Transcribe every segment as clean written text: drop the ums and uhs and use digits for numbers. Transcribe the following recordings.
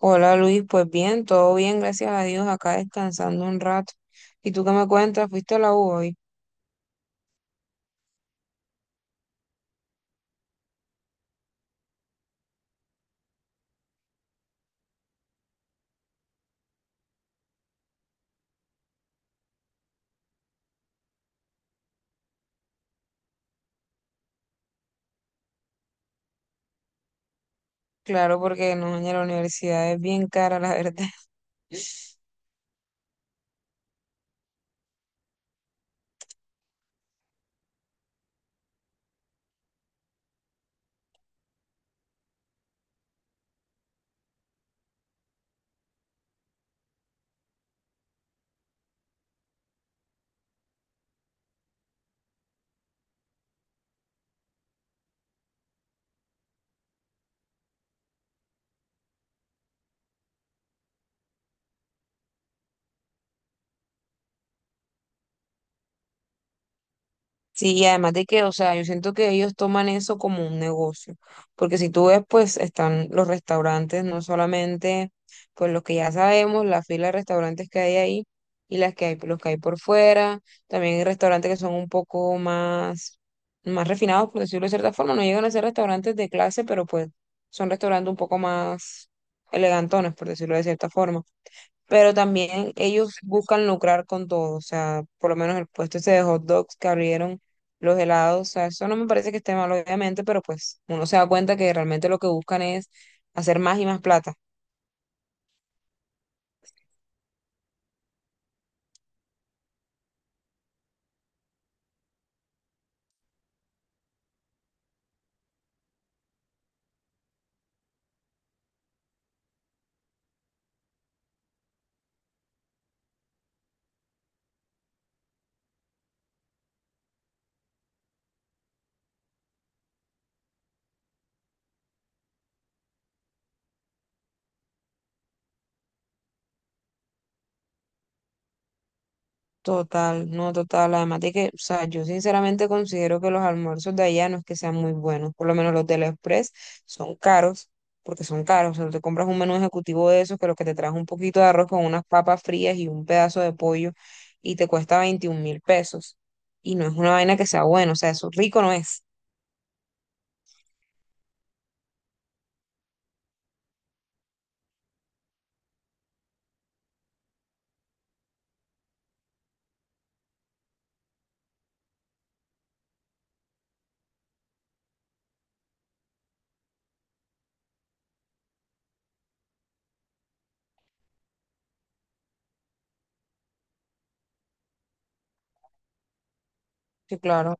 Hola Luis, pues bien, todo bien, gracias a Dios, acá descansando un rato. ¿Y tú qué me cuentas? ¿Fuiste a la U hoy? Claro, porque no, en la universidad es bien cara, la verdad. Sí, y además de que, o sea, yo siento que ellos toman eso como un negocio, porque si tú ves, pues están los restaurantes, no solamente, pues los que ya sabemos, la fila de restaurantes que hay ahí y las que hay, los que hay por fuera, también hay restaurantes que son un poco más refinados, por decirlo de cierta forma, no llegan a ser restaurantes de clase, pero pues son restaurantes un poco más elegantones, por decirlo de cierta forma. Pero también ellos buscan lucrar con todo, o sea, por lo menos el puesto ese de hot dogs que abrieron los helados, o sea, eso no me parece que esté mal, obviamente, pero pues uno se da cuenta que realmente lo que buscan es hacer más y más plata. Total, no total. Además de que, o sea, yo sinceramente considero que los almuerzos de allá no es que sean muy buenos. Por lo menos los del Express son caros, porque son caros. O sea, tú te compras un menú ejecutivo de esos que lo que te trae un poquito de arroz con unas papas frías y un pedazo de pollo y te cuesta 21.000 pesos. Y no es una vaina que sea buena, o sea, eso rico no es. Sí, claro.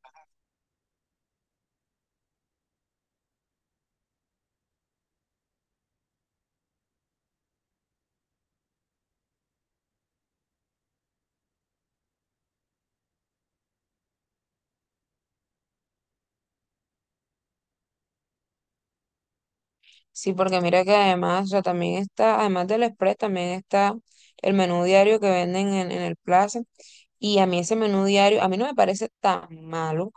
Sí, porque mira que además, o sea, también está, además del Express, también está el menú diario que venden en el Plaza. Y a mí ese menú diario, a mí no me parece tan malo,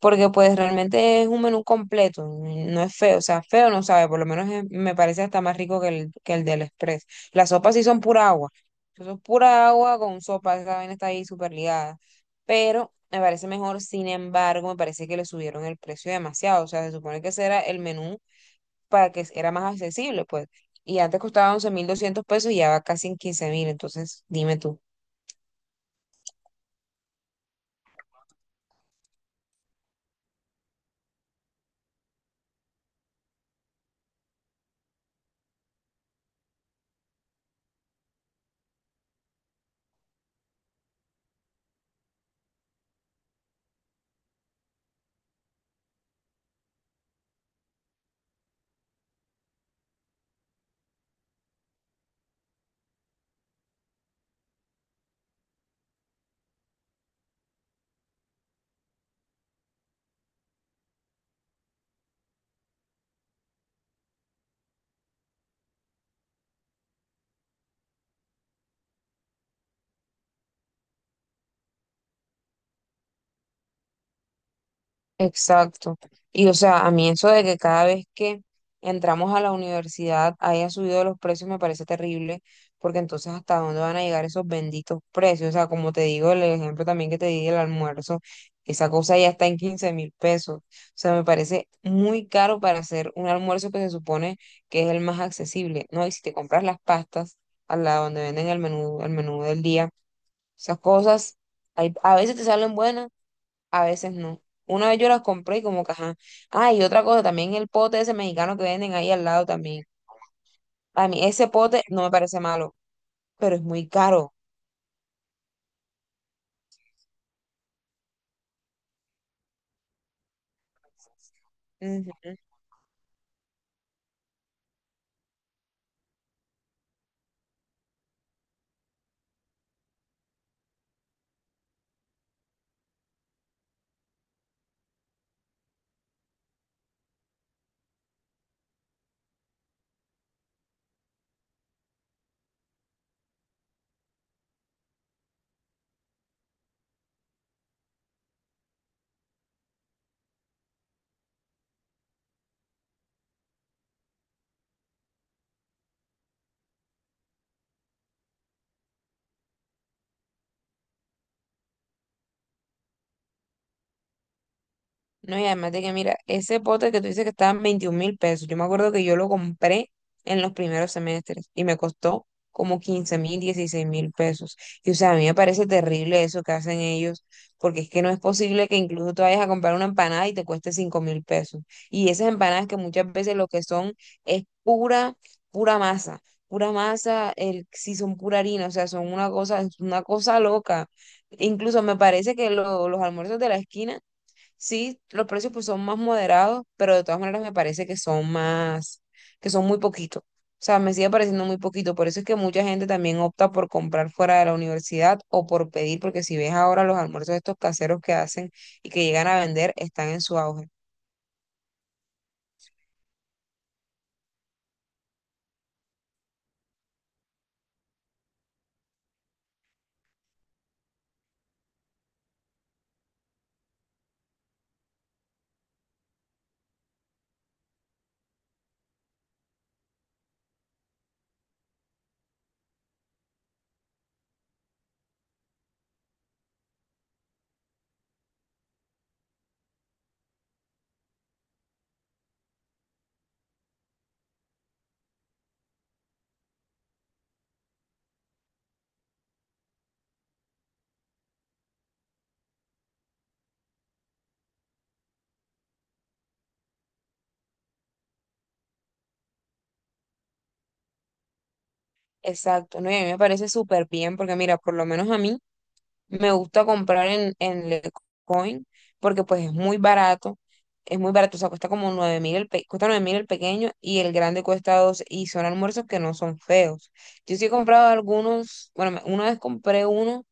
porque pues realmente es un menú completo, no es feo, o sea, feo no sabe, por lo menos me parece hasta más rico que el del Express. Las sopas sí son pura agua, eso es pura agua con sopa, esa vaina está ahí súper ligada, pero me parece mejor. Sin embargo, me parece que le subieron el precio demasiado. O sea, se supone que ese era el menú para que era más accesible, pues, y antes costaba 11.200 pesos y ya va casi en 15.000, entonces dime tú. Exacto. Y o sea, a mí eso de que cada vez que entramos a la universidad haya subido los precios me parece terrible, porque entonces hasta dónde van a llegar esos benditos precios. O sea, como te digo, el ejemplo también que te di del almuerzo, esa cosa ya está en 15.000 pesos. O sea, me parece muy caro para hacer un almuerzo que se supone que es el más accesible, ¿no? Y si te compras las pastas a la donde venden el menú del día, esas cosas, a veces te salen buenas, a veces no. Una vez yo las compré y como que, ajá. Ah, y otra cosa, también el pote ese mexicano que venden ahí al lado también. A mí ese pote no me parece malo, pero es muy caro. No, y además de que, mira, ese pote que tú dices que estaba en 21 mil pesos, yo me acuerdo que yo lo compré en los primeros semestres y me costó como 15.000, 16.000 pesos. Y o sea, a mí me parece terrible eso que hacen ellos, porque es que no es posible que incluso tú vayas a comprar una empanada y te cueste 5.000 pesos. Y esas empanadas que muchas veces lo que son es pura, pura masa, pura masa, el, si son pura harina, o sea, son una cosa, es una cosa loca. Incluso me parece que los almuerzos de la esquina. Sí, los precios pues son más moderados, pero de todas maneras me parece que son que son muy poquito. O sea, me sigue pareciendo muy poquito. Por eso es que mucha gente también opta por comprar fuera de la universidad o por pedir, porque si ves ahora los almuerzos estos caseros que hacen y que llegan a vender, están en su auge. Exacto, no, y a mí me parece súper bien, porque mira, por lo menos a mí me gusta comprar en Lecoin porque pues es muy barato. Es muy barato, o sea, cuesta como 9.000 cuesta 9.000 el pequeño y el grande cuesta 12 y son almuerzos que no son feos. Yo sí he comprado algunos, bueno, una vez compré uno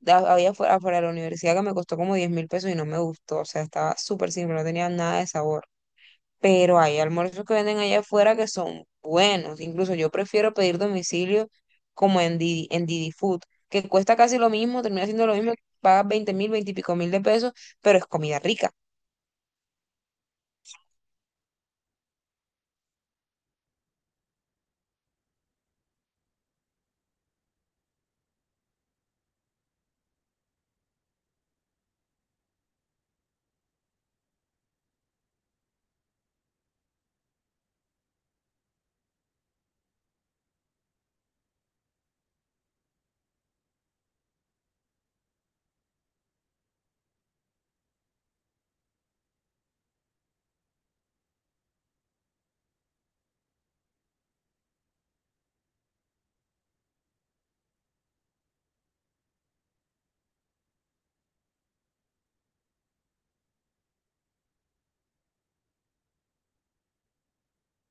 había afuera, afuera de la universidad que me costó como 10.000 pesos y no me gustó, o sea, estaba súper simple, no tenía nada de sabor. Pero hay almuerzos que venden allá afuera que son buenos. Incluso yo prefiero pedir domicilio como en Didi Food, que cuesta casi lo mismo, termina siendo lo mismo, pagas 20 y pico mil de pesos, pero es comida rica.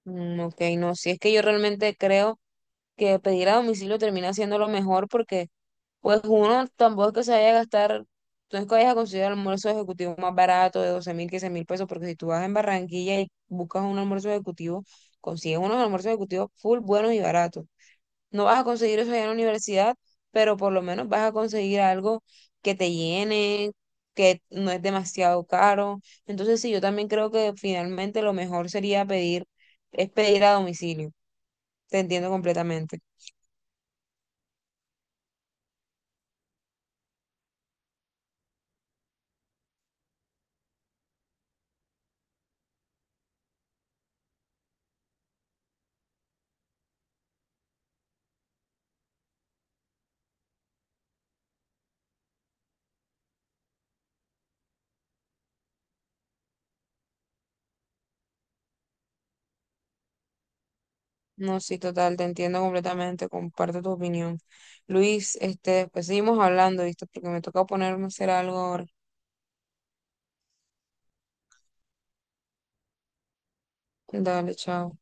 Mm, ok, no, si es que yo realmente creo que pedir a domicilio termina siendo lo mejor porque pues uno tampoco es que se vaya a gastar, no es que vayas a conseguir el almuerzo ejecutivo más barato de 12.000, 15.000 pesos, porque si tú vas en Barranquilla y buscas un almuerzo ejecutivo, consigues unos almuerzos ejecutivos full buenos y baratos. No vas a conseguir eso allá en la universidad, pero por lo menos vas a conseguir algo que te llene, que no es demasiado caro. Entonces, sí, yo también creo que finalmente lo mejor sería pedir, es pedir a domicilio. Te entiendo completamente. No, sí, total, te entiendo completamente, comparto tu opinión. Luis, este, después seguimos hablando, ¿viste? Porque me toca ponerme a hacer algo ahora. Dale, chao.